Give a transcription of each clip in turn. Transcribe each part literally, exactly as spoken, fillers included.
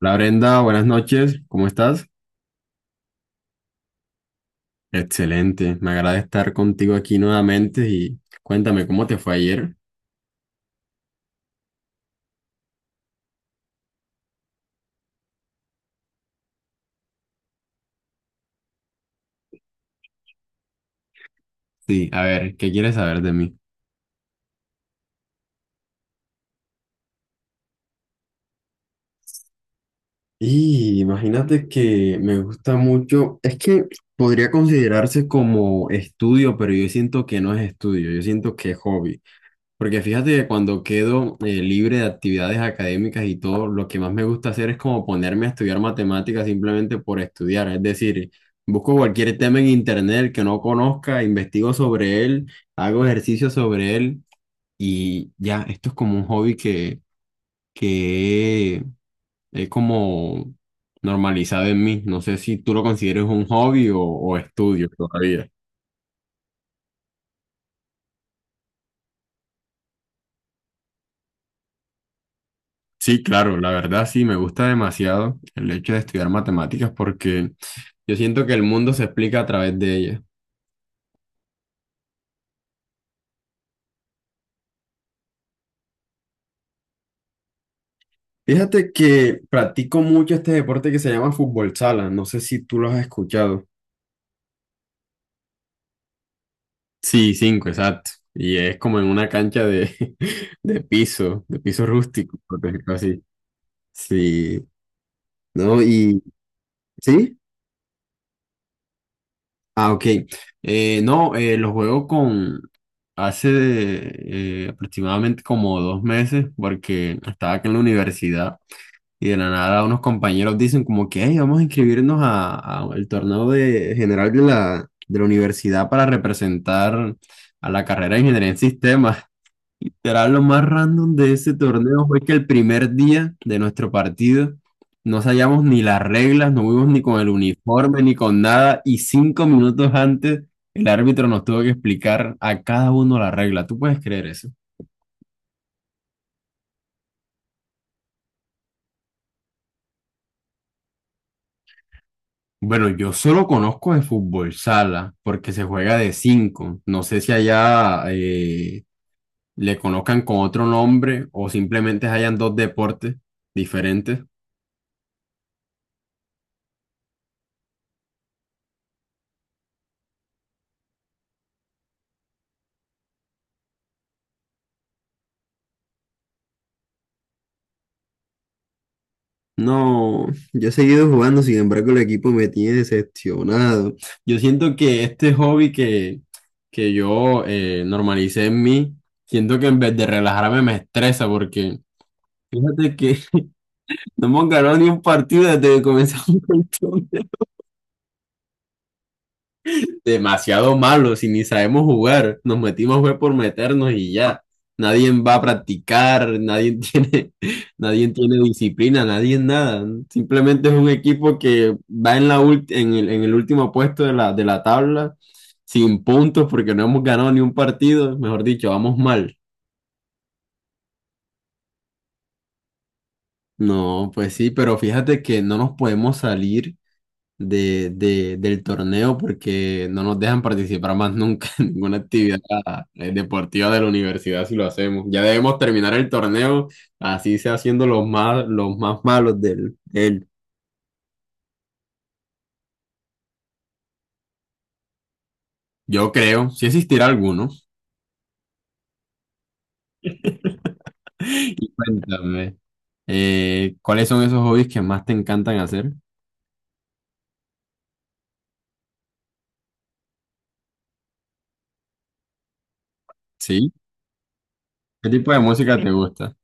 Hola Brenda, buenas noches, ¿cómo estás? Excelente, me agrada estar contigo aquí nuevamente y cuéntame cómo te fue ayer. Sí, a ver, ¿qué quieres saber de mí? Y imagínate que me gusta mucho, es que podría considerarse como estudio, pero yo siento que no es estudio, yo siento que es hobby. Porque fíjate que cuando quedo eh, libre de actividades académicas y todo, lo que más me gusta hacer es como ponerme a estudiar matemáticas simplemente por estudiar. Es decir, busco cualquier tema en internet que no conozca, investigo sobre él, hago ejercicio sobre él y ya, esto es como un hobby que, que he he como normalizado en mí. No sé si tú lo consideres un hobby o, o estudio todavía. Sí, claro, la verdad sí, me gusta demasiado el hecho de estudiar matemáticas porque. Yo siento que el mundo se explica a través de ella. Fíjate que practico mucho este deporte que se llama fútbol sala. No sé si tú lo has escuchado. Sí, cinco, exacto. Y es como en una cancha de, de piso, de piso rústico, por decirlo así. Sí, no, y sí. Ah, ok. Eh, no, eh, lo juego con hace eh, aproximadamente como dos meses porque estaba aquí en la universidad. Y de la nada unos compañeros dicen como que "Ey, vamos a inscribirnos a, a el torneo de, general de la, de la universidad para representar a la carrera de ingeniería en sistemas. Literal, lo más random de ese torneo fue que el primer día de nuestro partido no sabíamos ni las reglas, no fuimos ni con el uniforme, ni con nada, y cinco minutos antes el árbitro nos tuvo que explicar a cada uno la regla. ¿Tú puedes creer eso? Bueno, yo solo conozco de fútbol sala porque se juega de cinco. No sé si allá eh, le conozcan con otro nombre o simplemente hayan dos deportes diferentes. No, yo he seguido jugando, sin embargo el equipo me tiene decepcionado. Yo siento que este hobby que, que yo eh, normalicé en mí, siento que en vez de relajarme me estresa porque fíjate que no hemos ganado ni un partido desde que comenzamos con esto. Demasiado malos y ni sabemos jugar. Nos metimos fue por meternos y ya. Nadie va a practicar, nadie tiene, nadie tiene disciplina, nadie nada. Simplemente es un equipo que va en la ult- en el, en el último puesto de la, de la tabla sin puntos porque no hemos ganado ni un partido. Mejor dicho, vamos mal. No, pues sí, pero fíjate que no nos podemos salir de, de- del torneo porque no nos dejan participar más nunca en ninguna actividad eh, deportiva de la universidad si lo hacemos. Ya debemos terminar el torneo, así sea siendo los más, los más malos del, del- yo creo, si existirá alguno. Y cuéntame, eh, ¿cuáles son esos hobbies que más te encantan hacer? ¿Sí? ¿Qué tipo de música te gusta?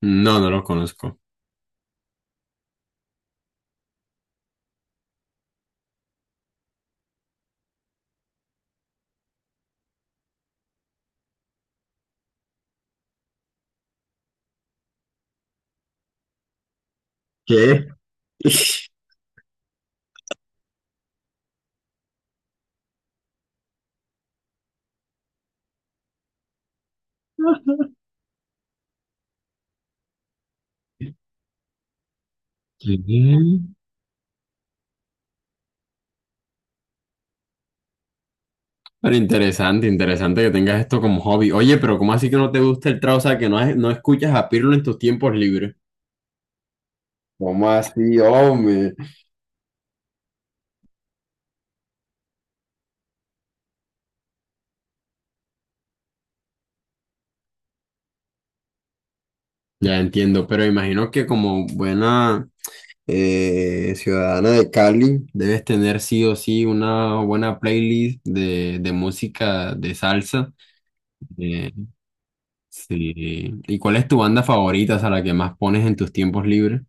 No, no los conozco. ¿Qué? ¿Qué? Pero interesante, interesante que tengas esto como hobby. Oye, pero ¿cómo así que no te gusta el trap? O sea, que no, es- no escuchas a Pirlo en tus tiempos libres. ¿Cómo así, hombre? Ya entiendo, pero imagino que como buena eh, ciudadana de Cali, debes tener sí o sí una buena playlist de, de música de salsa. Eh, sí. ¿Y cuál es tu banda favorita, o sea, la que más pones en tus tiempos libres?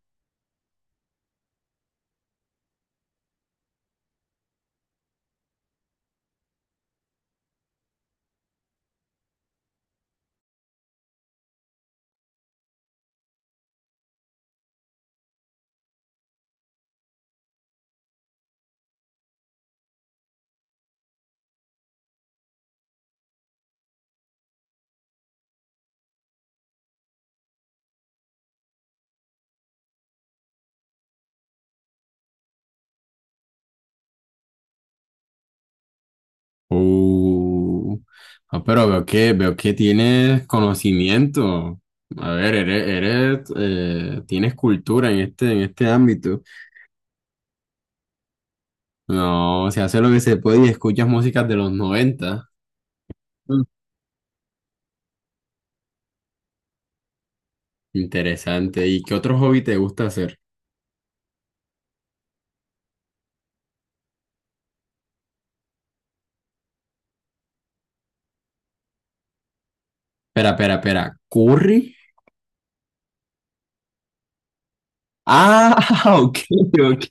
Uh, ah, pero veo que, veo que, tienes conocimiento. A ver, eres, eres, eh, tienes cultura en este, en este ámbito. No, se hace lo que se puede y escuchas músicas de los noventa. Mm. Interesante. ¿Y qué otro hobby te gusta hacer? Espera, espera, espera. ¿Curry? Ah, ok, ok.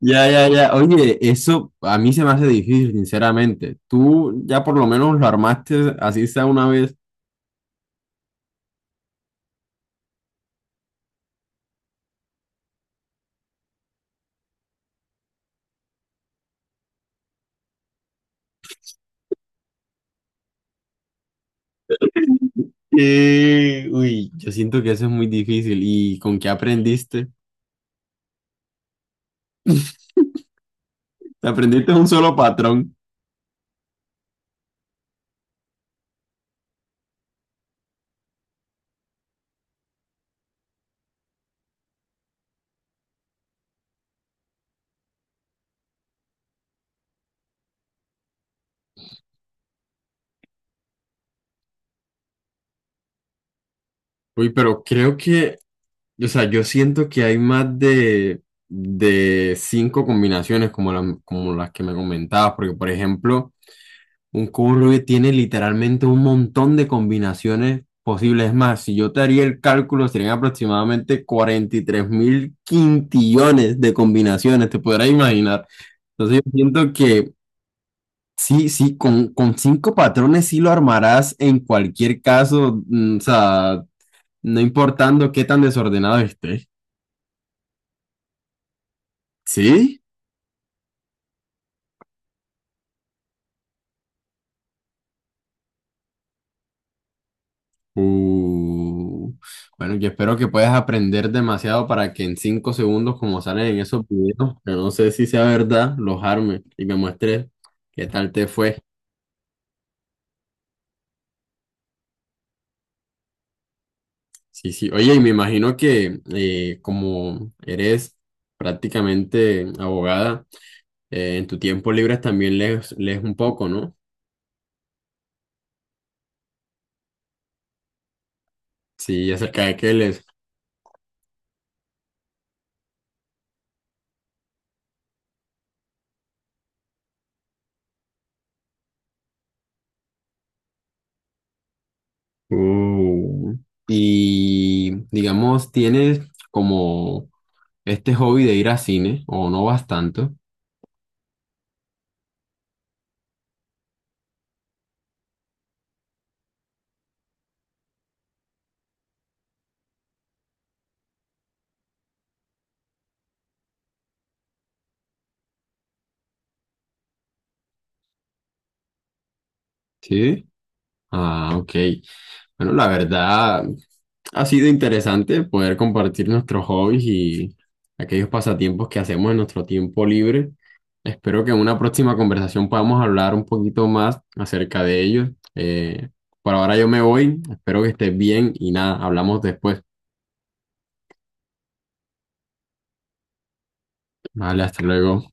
Ya, ya, ya. Oye, eso a mí se me hace difícil, sinceramente. Tú ya por lo menos lo armaste así sea una vez. Eh, uy, yo siento que eso es muy difícil. ¿Y con qué aprendiste? Aprendiste un solo patrón. Uy, pero creo que, o sea, yo siento que hay más de, de cinco combinaciones como, la- como las que me comentabas, porque por ejemplo, un cubo Rubik tiene literalmente un montón de combinaciones posibles. Es más, si yo te haría el cálculo, serían aproximadamente cuarenta y tres mil quintillones de combinaciones, te podrás imaginar. Entonces yo siento que. Sí, sí, con, con cinco patrones sí lo armarás en cualquier caso, mm, o sea, no importando qué tan desordenado esté. ¿Sí? Uh, bueno, yo espero que puedas aprender demasiado para que en cinco segundos, como salen en esos videos, que no sé si sea verdad, los arme y me muestres qué tal te fue. Sí, sí. Oye, y me imagino que eh, como eres prácticamente abogada, eh, en tu tiempo libre también lees, lees, un poco, ¿no? Sí, acerca de Keles. Uh, y digamos, tienes como este hobby de ir a cine, o no vas tanto, ¿sí? Ah, ok. Bueno, la verdad, ha sido interesante poder compartir nuestros hobbies y aquellos pasatiempos que hacemos en nuestro tiempo libre. Espero que en una próxima conversación podamos hablar un poquito más acerca de ellos. Eh, por ahora yo me voy, espero que estés bien y nada, hablamos después. Vale, hasta luego.